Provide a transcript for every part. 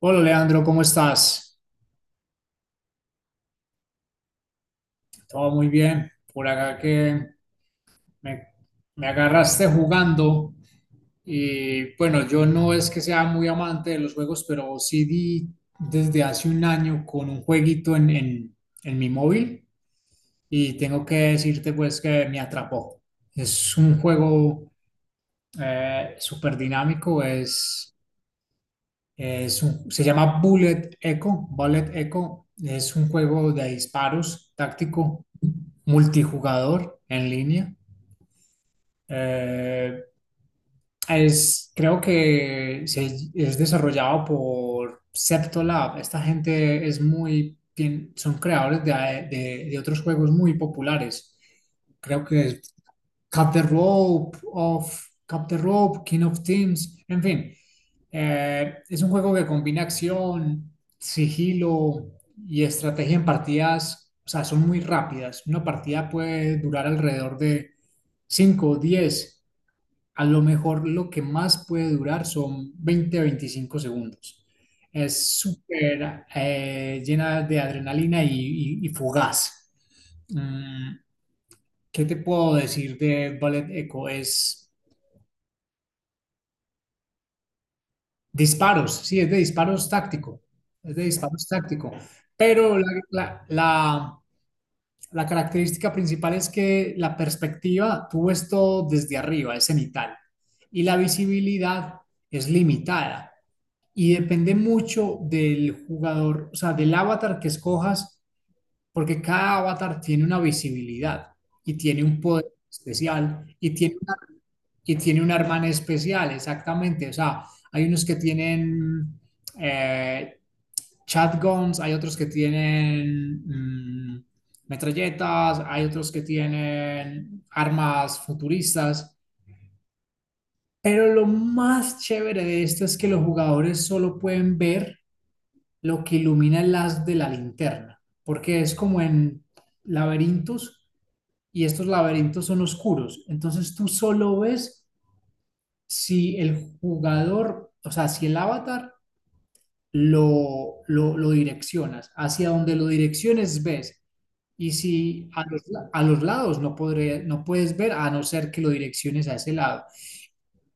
Hola Leandro, ¿cómo estás? Todo muy bien. Por acá que me, me agarraste jugando y bueno, yo no es que sea muy amante de los juegos, pero sí di desde hace un año con un jueguito en mi móvil y tengo que decirte pues que me atrapó. Es un juego súper dinámico. Se llama Bullet Echo. Bullet Echo es un juego de disparos táctico multijugador en línea. Eh, es, creo que es desarrollado por Septolab. Esta gente es muy, son creadores de, de otros juegos muy populares. Creo que Cut the Rope, of, Cut the Rope, King of Teams, en fin. Es un juego que combina acción, sigilo y estrategia en partidas, o sea, son muy rápidas. Una partida puede durar alrededor de 5 o diez. A lo mejor lo que más puede durar son 20 o 25 segundos. Es súper llena de adrenalina y fugaz. Mm, ¿Qué te puedo decir de Ballet Echo? Es disparos, sí, es de disparos táctico, es de disparos táctico, pero la la característica principal es que la perspectiva, tú ves todo desde arriba, es cenital, y la visibilidad es limitada, y depende mucho del jugador, o sea, del avatar que escojas, porque cada avatar tiene una visibilidad y tiene un poder especial y tiene. Y tiene una hermana especial, exactamente. O sea, hay unos que tienen eh, shotguns, hay otros que tienen mm, metralletas, hay otros que tienen armas futuristas. Pero lo más chévere de esto es que los jugadores solo pueden ver lo que ilumina el haz de la linterna, porque es como en laberintos y estos laberintos son oscuros. Entonces tú solo ves si el jugador, o sea, si el avatar lo direccionas, hacia donde lo direcciones ves, y si a los a los lados no, podré, no puedes ver a no ser que lo direcciones a ese lado.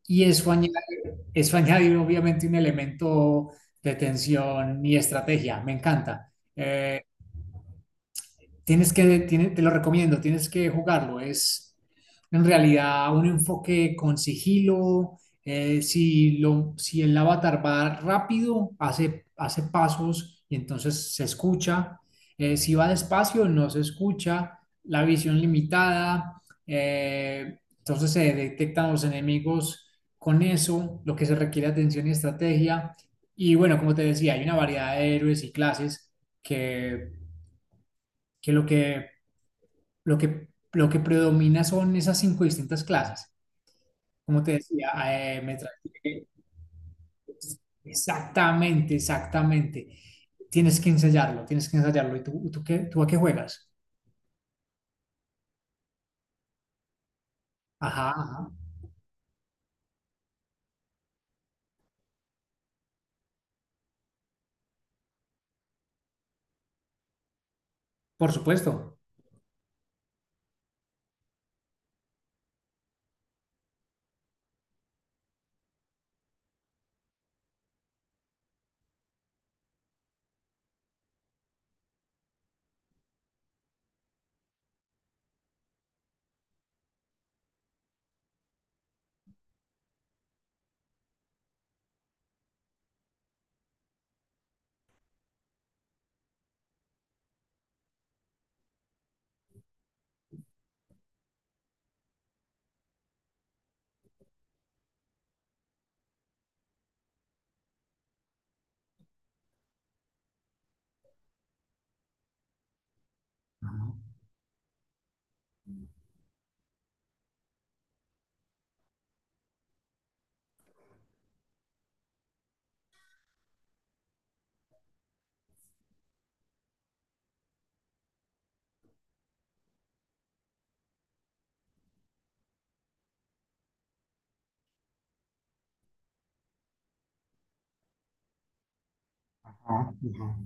Y eso añade, eso añade obviamente un elemento de tensión y estrategia, me encanta. Tienes que, te lo recomiendo, tienes que jugarlo. Es en realidad un enfoque con sigilo. Si, lo, si el avatar va rápido, hace pasos y entonces se escucha. Si va despacio, no se escucha. La visión limitada. Entonces se detectan los enemigos con eso, lo que se requiere atención y estrategia. Y bueno, como te decía, hay una variedad de héroes y clases que que lo que lo que, lo que predomina son esas cinco distintas clases. Como te decía, eh, me traje- pues, exactamente, exactamente. Tienes que ensayarlo, tienes que ensayarlo. ¿Y tú, tú a qué juegas? Ajá, ajá. Por supuesto. Ajá, ajá, ajá.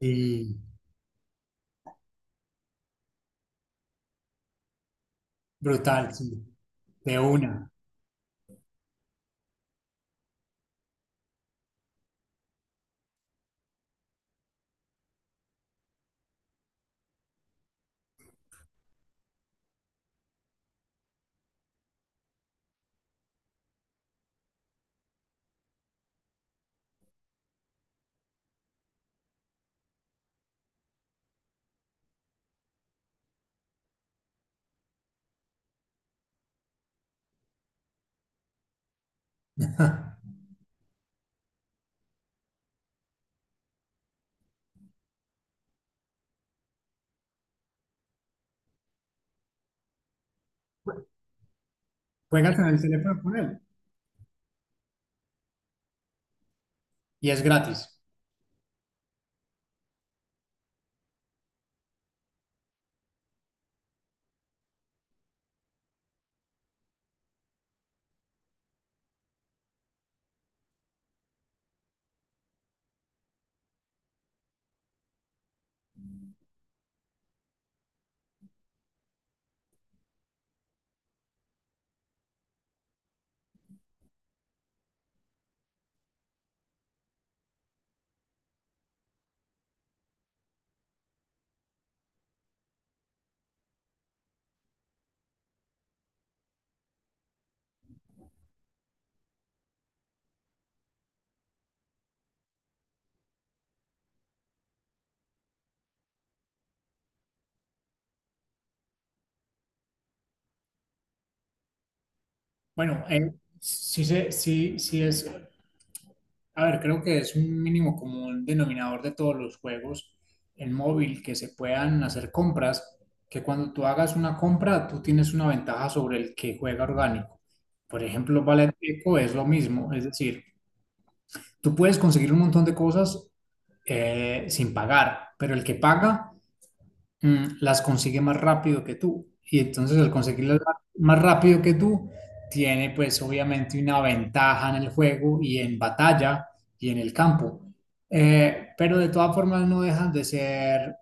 Sí, brutal, sí. De una. Juegas en el teléfono con él y es gratis. Bueno, sí, sí, sí es. A ver, creo que es un mínimo común denominador de todos los juegos en móvil que se puedan hacer compras, que cuando tú hagas una compra, tú tienes una ventaja sobre el que juega orgánico. Por ejemplo, Valet Eco es lo mismo, es decir, tú puedes conseguir un montón de cosas sin pagar, pero el que paga las consigue más rápido que tú. Y entonces al conseguirlas más rápido que tú, tiene pues obviamente una ventaja en el juego y en batalla y en el campo. Pero de todas formas no dejan de ser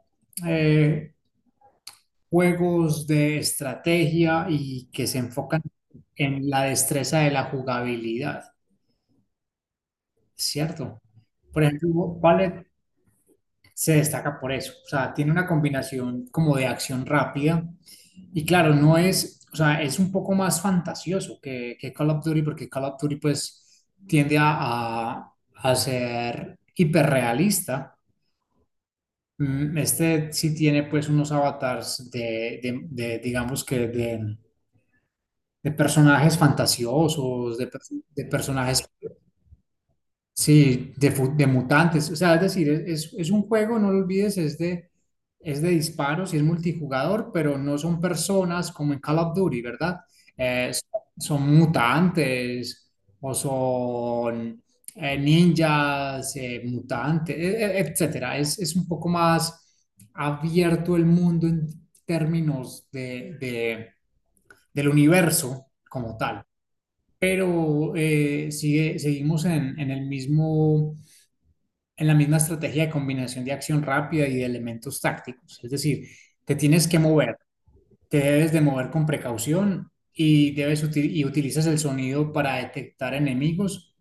eh, juegos de estrategia y que se enfocan en la destreza de la jugabilidad, ¿cierto? Por ejemplo, ¿cuál es? Se destaca por eso. O sea, tiene una combinación como de acción rápida. Y claro, no es, o sea, es un poco más fantasioso que Call of Duty, porque Call of Duty pues tiende a ser hiperrealista. Este sí tiene pues unos avatars de, de, digamos que de personajes fantasiosos, de, pers- de personajes. Sí, de, de mutantes, o sea, es decir, es, es un juego, no lo olvides, es de disparos y es multijugador, pero no son personas como en Call of Duty, ¿verdad? Son, son mutantes o son ninjas, mutantes, etcétera. Es un poco más abierto el mundo en términos de, del universo como tal. Pero sigue, seguimos en el mismo, en la misma estrategia de combinación de acción rápida y de elementos tácticos. Es decir, te tienes que mover, te debes de mover con precaución y, y utilizas el sonido para detectar enemigos,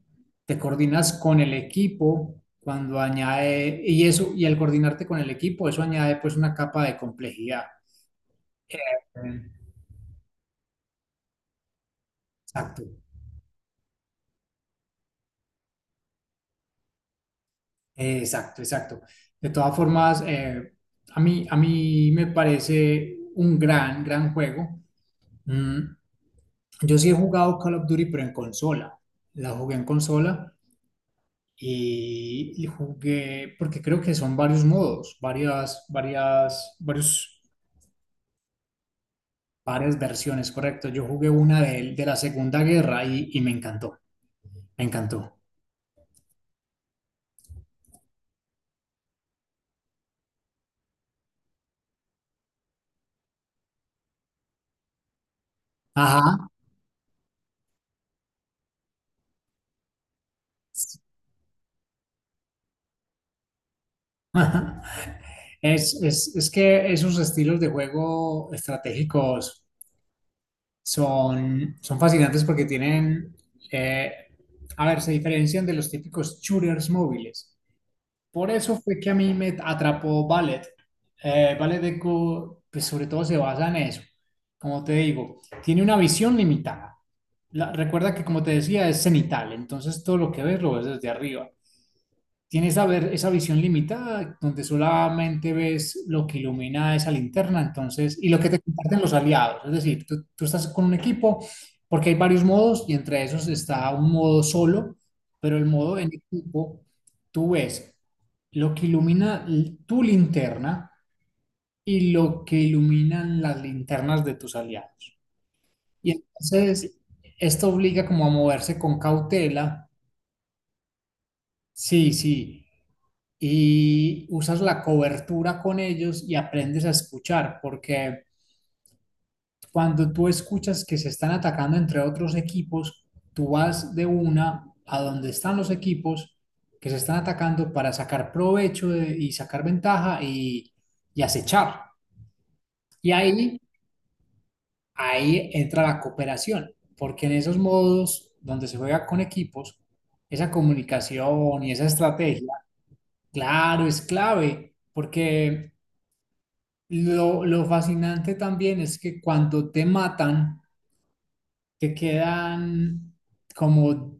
te coordinas con el equipo cuando añade, y eso, y al coordinarte con el equipo, eso añade pues una capa de complejidad. Eh, exacto, exacto, exacto. De todas formas, a mí me parece un gran, gran juego. Mm, Yo sí he jugado Call of Duty, pero en consola. La jugué en consola y jugué, porque creo que son varios modos, varias, varias versiones, correcto. Yo jugué una de la Segunda Guerra y me encantó, me encantó. Ajá. Es, es que esos estilos de juego estratégicos son, son fascinantes porque tienen, eh, a ver, se diferencian de los típicos shooters móviles. Por eso fue que a mí me atrapó ballet. Ballet de Go, pues sobre todo se basa en eso. Como te digo, tiene una visión limitada. Recuerda que, como te decía, es cenital, entonces todo lo que ves lo ves desde arriba. Tienes esa, ver, esa visión limitada donde solamente ves lo que ilumina esa linterna, entonces, y lo que te comparten los aliados. Es decir, tú estás con un equipo porque hay varios modos y entre esos está un modo solo, pero el modo en equipo, tú ves lo que ilumina tu linterna y lo que iluminan las linternas de tus aliados. Y entonces, esto obliga como a moverse con cautela. Sí, sí. Y usas la cobertura con ellos y aprendes a escuchar, porque cuando tú escuchas que se están atacando entre otros equipos, tú vas de una a donde están los equipos que se están atacando para sacar provecho y sacar ventaja y acechar. Y ahí, ahí entra la cooperación, porque en esos modos donde se juega con equipos, esa comunicación y esa estrategia, claro, es clave, porque lo fascinante también es que cuando te matan, te quedan como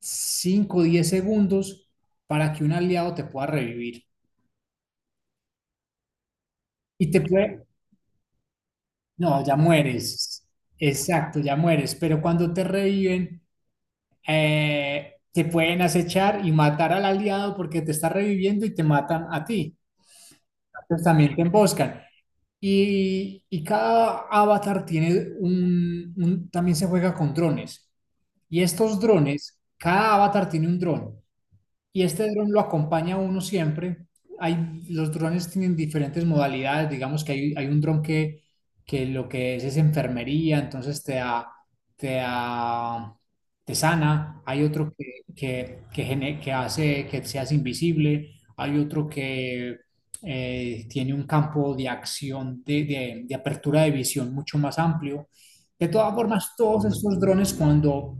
5 o 10 segundos para que un aliado te pueda revivir. Y te puede... No, ya mueres. Exacto, ya mueres. Pero cuando te reviven, te pueden acechar y matar al aliado porque te está reviviendo y te matan a ti. Entonces también te emboscan. Y cada avatar tiene un, también se juega con drones. Y estos drones, cada avatar tiene un dron. Y este dron lo acompaña a uno siempre. Hay, los drones tienen diferentes modalidades. Digamos que hay un dron que lo que es enfermería, entonces te da, te da- te sana. Hay otro que, que hace que seas invisible. Hay otro que tiene un campo de acción, de, de apertura de visión mucho más amplio. De todas formas, todos estos drones cuando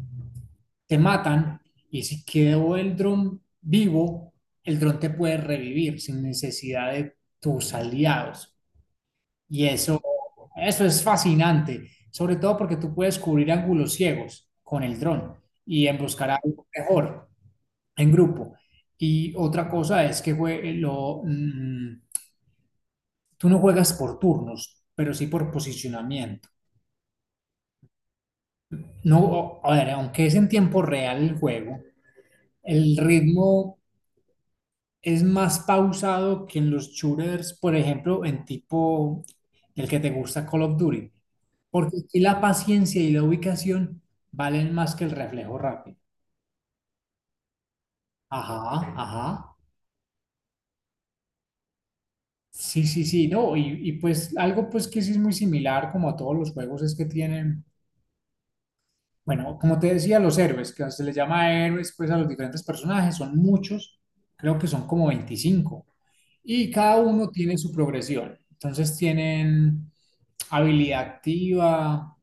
te matan, y si quedó el dron vivo, el dron te puede revivir sin necesidad de tus aliados. Y eso es fascinante, sobre todo porque tú puedes cubrir ángulos ciegos con el dron y en buscar algo mejor en grupo. Y otra cosa es que tú no juegas por turnos, pero sí por posicionamiento. No, a ver, aunque es en tiempo real el juego, el ritmo es más pausado que en los shooters, por ejemplo, en tipo el que te gusta Call of Duty, porque aquí la paciencia y la ubicación valen más que el reflejo rápido. Ajá, ajá. Sí, sí, sí, no, y pues algo pues que sí es muy similar como a todos los juegos es que tienen, bueno, como te decía, los héroes, que se les llama héroes pues a los diferentes personajes, son muchos, creo que son como 25. Y cada uno tiene su progresión. Entonces tienen habilidad activa,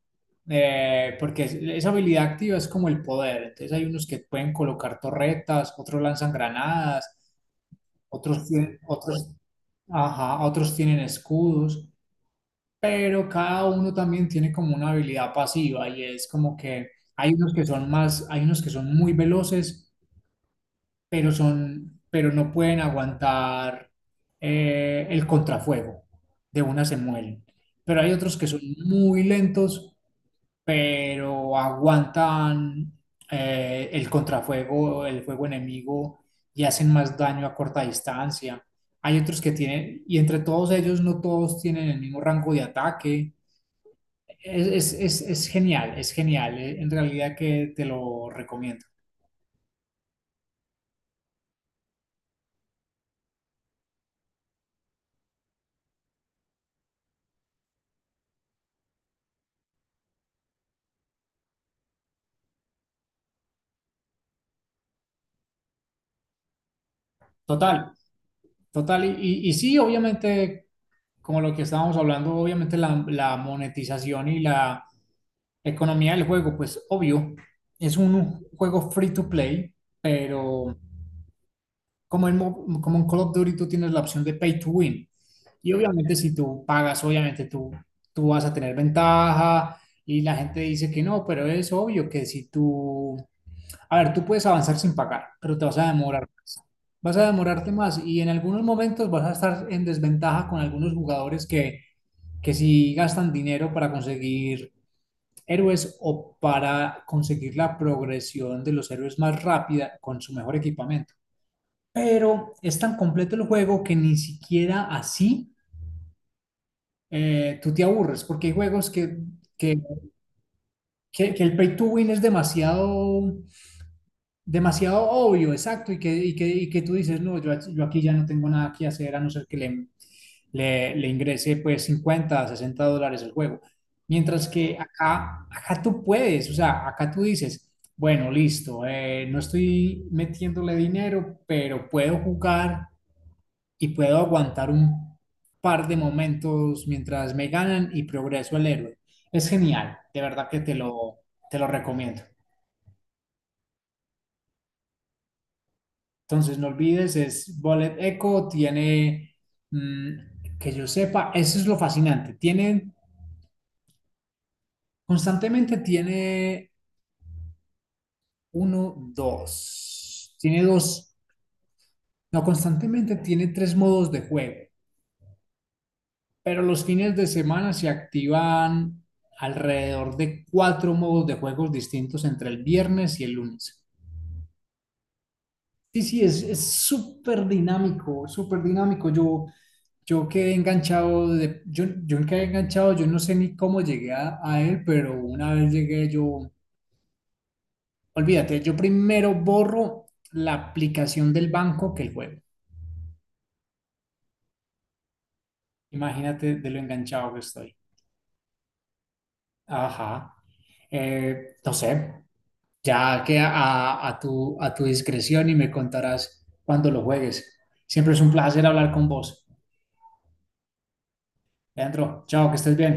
esa habilidad activa es como el poder. Entonces hay unos que pueden colocar torretas, otros lanzan granadas, otros tienen, otros, ajá, otros tienen escudos, pero cada uno también tiene como una habilidad pasiva y es como que hay unos que son más, hay unos que son muy veloces pero no pueden aguantar el contrafuego, de una se mueren. Pero hay otros que son muy lentos, pero aguantan el contrafuego, el fuego enemigo y hacen más daño a corta distancia. Hay otros que tienen, y entre todos ellos no todos tienen el mismo rango de ataque. Es genial, es genial. En realidad que te lo recomiendo. Total, total. Y sí, obviamente, como lo que estábamos hablando, obviamente la monetización y la economía del juego, pues obvio, es un juego free to play, pero como en Call of Duty tú tienes la opción de pay to win. Y obviamente si tú pagas, obviamente tú vas a tener ventaja y la gente dice que no, pero es obvio que si tú, a ver, tú puedes avanzar sin pagar, pero te vas a demorar más. Vas a demorarte más y en algunos momentos vas a estar en desventaja con algunos jugadores que sí gastan dinero para conseguir héroes o para conseguir la progresión de los héroes más rápida con su mejor equipamiento. Pero es tan completo el juego que ni siquiera así tú te aburres, porque hay juegos que, que el pay to win es demasiado demasiado obvio, exacto, y y que tú dices, no, yo aquí ya no tengo nada que hacer a no ser que le ingrese pues 50, $60 el juego. Mientras que acá, acá tú puedes, o sea, acá tú dices, bueno, listo, no estoy metiéndole dinero, pero puedo jugar y puedo aguantar un par de momentos mientras me ganan y progreso el héroe. Es genial, de verdad que te lo recomiendo. Entonces, no olvides, es Bullet Echo, tiene, que yo sepa, eso es lo fascinante. Tiene, constantemente tiene uno, dos, tiene dos, no, constantemente tiene tres modos de juego, pero los fines de semana se activan alrededor de cuatro modos de juegos distintos entre el viernes y el lunes. Sí, sí, es súper dinámico, súper dinámico. Yo quedé enganchado, yo quedé enganchado, yo no sé ni cómo llegué a él, pero una vez llegué yo, olvídate, yo primero borro la aplicación del banco que el juego. Imagínate de lo enganchado que estoy. Ajá. No sé, ya que a tu discreción y me contarás cuando lo juegues. Siempre es un placer hablar con vos. Leandro, chao, que estés bien.